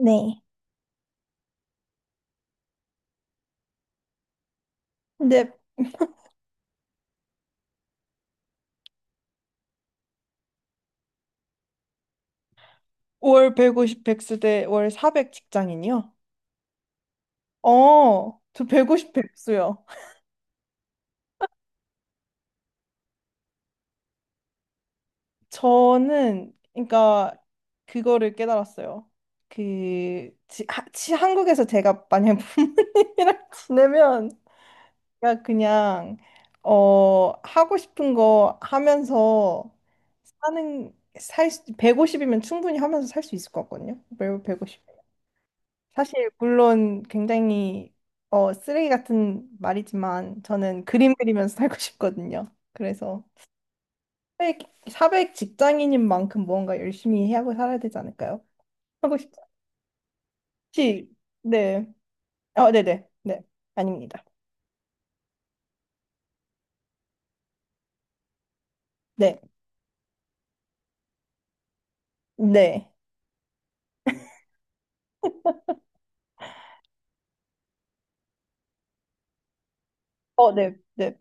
네. 근데 월 150 백수대 월 400 직장인이요? 저 150 백수요. 저는 그러니까 그거를 깨달았어요. 한국에서 제가 만약 부모님이랑 지내면 제가 그냥 하고 싶은 거 하면서 사는 살 150이면 충분히 하면서 살 수 있을 것 같거든요. 매월 150. 사실 물론 굉장히 쓰레기 같은 말이지만 저는 그림 그리면서 살고 싶거든요. 그래서 400, 직장인인 만큼 무언가 열심히 하고 살아야 되지 않을까요? 하고 싶지. 혹시- 네. 네네. 네. 네. 아닙니다. 네. 네. 네. 네.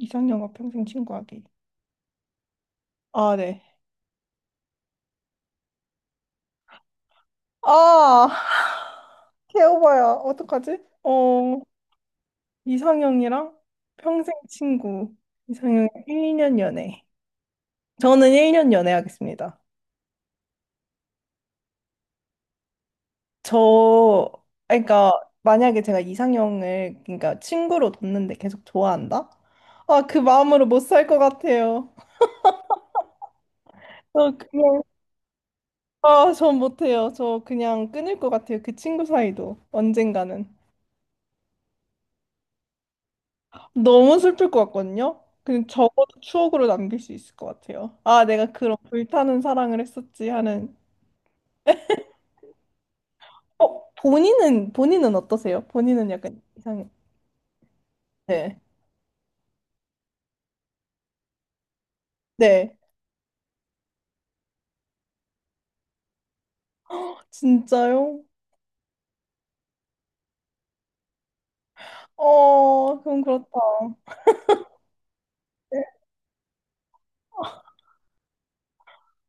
이상형과 평생 친구하기. 아, 네. 아, 개오바야. 어떡하지? 어, 이상형이랑 평생 친구. 이상형 1년 연애. 저는 1년 연애하겠습니다. 저, 그러니까 만약에 제가 이상형을, 그러니까 친구로 뒀는데 계속 좋아한다? 아, 그 마음으로 못 살 것 같아요. 저 그냥, 전 못해요. 저 그냥 끊을 것 같아요. 그 친구 사이도 언젠가는. 너무 슬플 것 같거든요. 그냥 적어도 추억으로 남길 수 있을 것 같아요. 아, 내가 그런 불타는 사랑을 했었지 하는. 본인은 어떠세요? 본인은 약간 이상해. 네. 네. 진짜요? 그럼 그렇다. 네.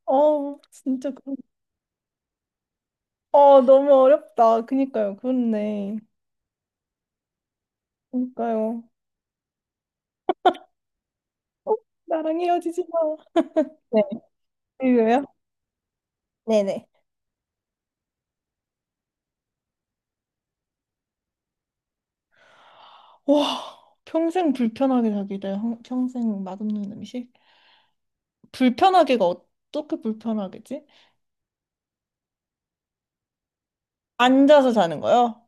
진짜 그런. 너무 어렵다. 그니까요. 그렇네. 그니까요. 어, 나랑 헤어지지 마. 네. 이거요? 네네. 와, 평생 불편하게 살기 대 평생 맛없는 음식? 불편하게가 어떻게 불편하겠지? 앉아서 자는 거요?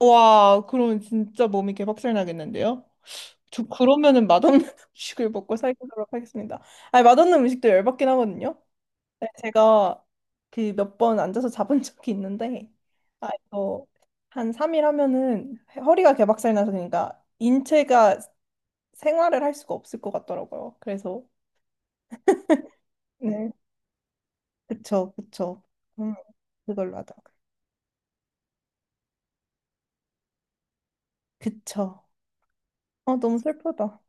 와, 그럼 진짜 몸이 개박살 나겠는데요? 저 그러면은 맛없는 음식을 먹고 살도록 하겠습니다. 아니, 맛없는 음식도 열받긴 하거든요. 네, 제가 그 몇 번 앉아서 잡은 적이 있는데, 아, 이거 한 3일 하면은 허리가 개박살 나서 그러니까 인체가 생활을 할 수가 없을 것 같더라고요. 그래서, 네, 그쵸, 그쵸. 음, 그걸로 하자고. 그쵸. 너무 슬프다.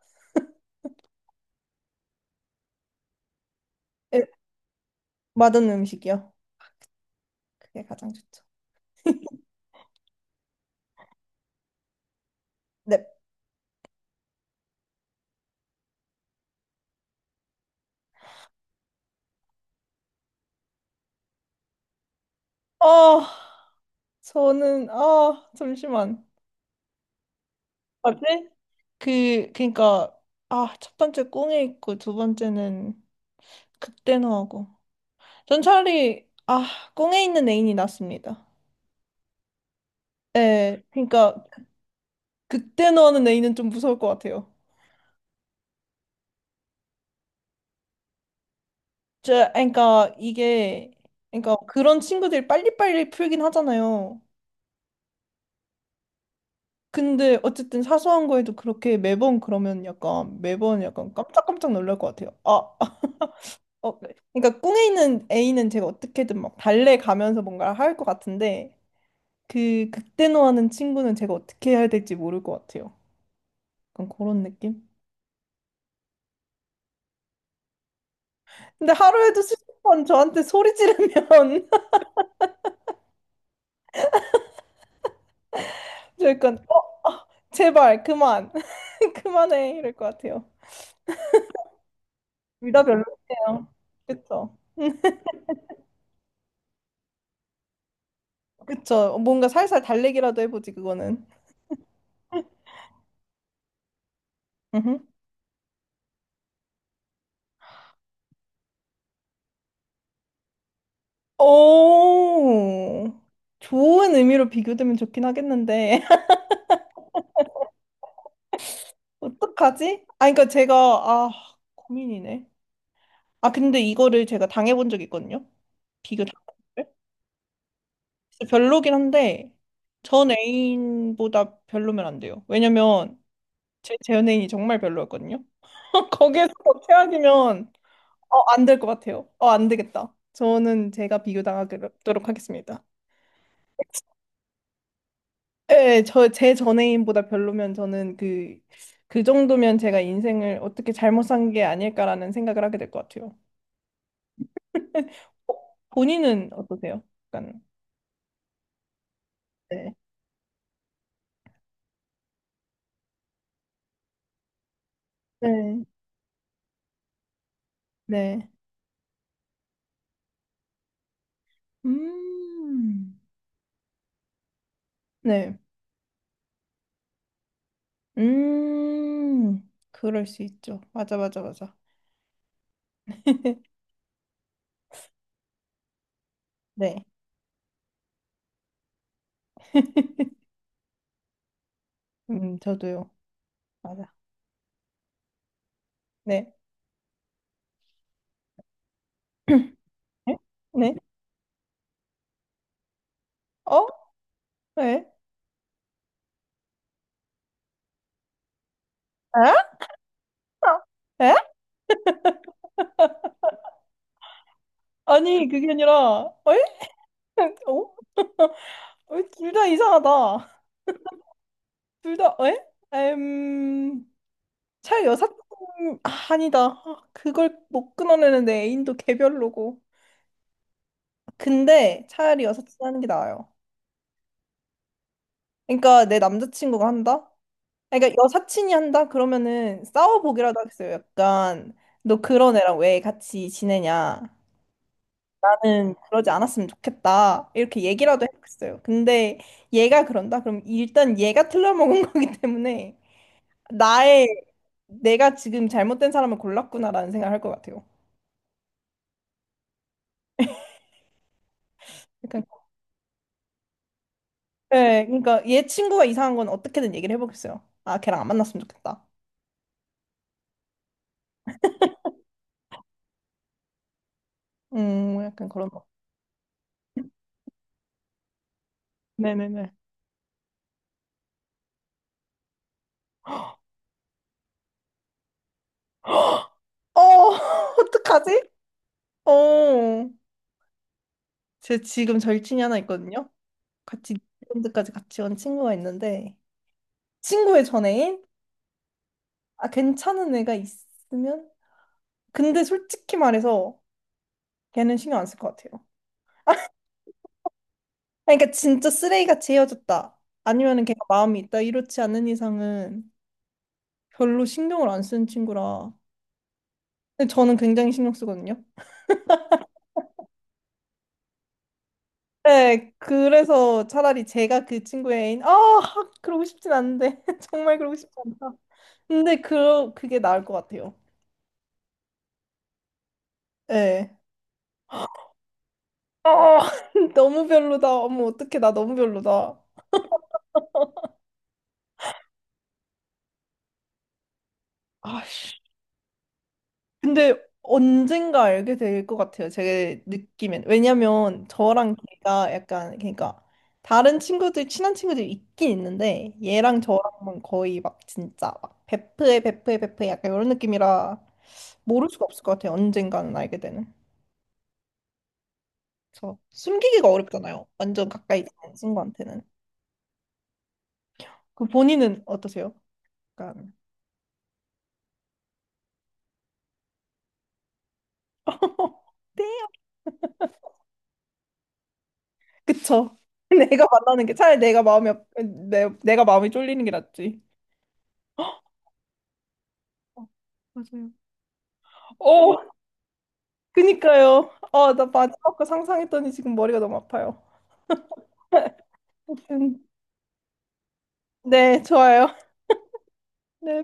네, 맛없는 음식이요. 그게 가장 좋죠. 네. 아, 잠시만. 맞지? 그니까, 아, 첫 번째 꽁에 있고, 두 번째는 극대노하고. 전 차라리 꽁에 있는 애인이 낫습니다. 예, 그러니까 극대 노하는 애인은 좀 무서울 것 같아요. 그러니까 이게 그러니까 그런 친구들이 빨리빨리 풀긴 하잖아요. 근데 어쨌든 사소한 거에도 그렇게 매번 그러면 약간 매번 약간 깜짝깜짝 놀랄 것 같아요. 아, 어, 그러니까 꽁에 있는 애인은 제가 어떻게든 막 달래가면서 뭔가를 할 것 같은데 그 극대노하는 친구는 제가 어떻게 해야 될지 모를 것 같아요. 약간 그런 느낌? 근데 하루에도 수십 번 저한테 소리 지르면 저 약간 제발 그만 그만해 이럴 것 같아요. 둘다 별로예요. 그쵸? 그쵸? 뭔가 살살 달래기라도 해보지 그거는. 음흠. 오, 좋은 의미로 비교되면 좋긴 하겠는데 어떡하지? 아, 그러니까 제가 고민이네. 아, 근데 이거를 제가 당해본 적이 있거든요. 비교 당한 거를. 그래서 별로긴 한데 전 애인보다 별로면 안 돼요. 왜냐면 제 재연행이 정말 별로였거든요. 거기에서 최악이면 안 될 것 같아요. 안 되겠다. 저는 제가 비교당하도록 하겠습니다. 네, 제 전애인보다 별로면 저는 그 정도면 제가 인생을 어떻게 잘못 산 게 아닐까라는 생각을 하게 될 것 같아요. 어, 본인은 어떠세요? 약간, 네. 네. 네. 음. 네. 음. 그럴 수 있죠. 맞아, 맞아, 맞아. 네. 저도요. 맞아. 네. 네? 네? 어? 네. 에? 에? 아니, 그게 아니라, 에? 어? 둘 다 이상하다. 둘 다, 에? 에음... 차여사친. 아, 아니다. 아, 그걸 못 끊어내는데 애인도 개별로고. 근데 차라리 여사친 하는 게 나아요. 그러니까 내 남자친구가 한다? 아, 그러니까 여사친이 한다? 그러면은 싸워보기라도 하겠어요. 약간, 너 그런 애랑 왜 같이 지내냐? 나는 그러지 않았으면 좋겠다. 이렇게 얘기라도 했어요. 근데 얘가 그런다? 그럼 일단 얘가 틀려먹은 거기 때문에 나의 내가 지금 잘못된 사람을 골랐구나라는 생각을 할 것 같아요. 약간, 네, 그러니까 얘 친구가 이상한 건 어떻게든 얘기를 해보겠어요. 아, 걔랑 안 만났으면 좋겠다. 약간 그런 거. 네네네. 어, 어떡하지? 어, 제 지금 절친이 하나 있거든요. 같이 밴드까지 같이 온 친구가 있는데 친구의 전애인? 아, 괜찮은 애가 있으면 근데 솔직히 말해서 걔는 신경 안 쓸 것 같아요. 아니, 그러니까 진짜 쓰레기같이 헤어졌다. 아니면은 걔가 마음이 있다. 이렇지 않은 이상은 별로 신경을 안 쓰는 친구라. 근데 저는 굉장히 신경 쓰거든요. 네, 그래서 차라리 제가 그 친구의 애인, 아, 그러고 싶진 않은데. 정말 그러고 싶지 않다. 근데 그게 나을 것 같아요. 네. 어, 너무 별로다. 어머, 어떡해. 나 너무 별로다. 아휴. 근데 언젠가 알게 될 것 같아요. 제 느낌엔. 왜냐면 저랑 걔가 약간 그러니까 다른 친구들 친한 친구들이 있긴 있는데 얘랑 저랑은 거의 막 진짜 막 베프에 베프에 베프에 약간 이런 느낌이라 모를 수가 없을 것 같아요. 언젠가는 알게 되는. 그래서 숨기기가 어렵잖아요. 완전 가까이 있는 친구한테는. 그 본인은 어떠세요? 약간 요 그쵸. 내가 만나는 게 차라리 내가 마음이 쫄리는 게 낫지. 어, 맞아요. 어, 그니까요. 나 마지막 거 상상했더니 지금 머리가 너무 아파요. 아무튼 네, 좋아요. 네.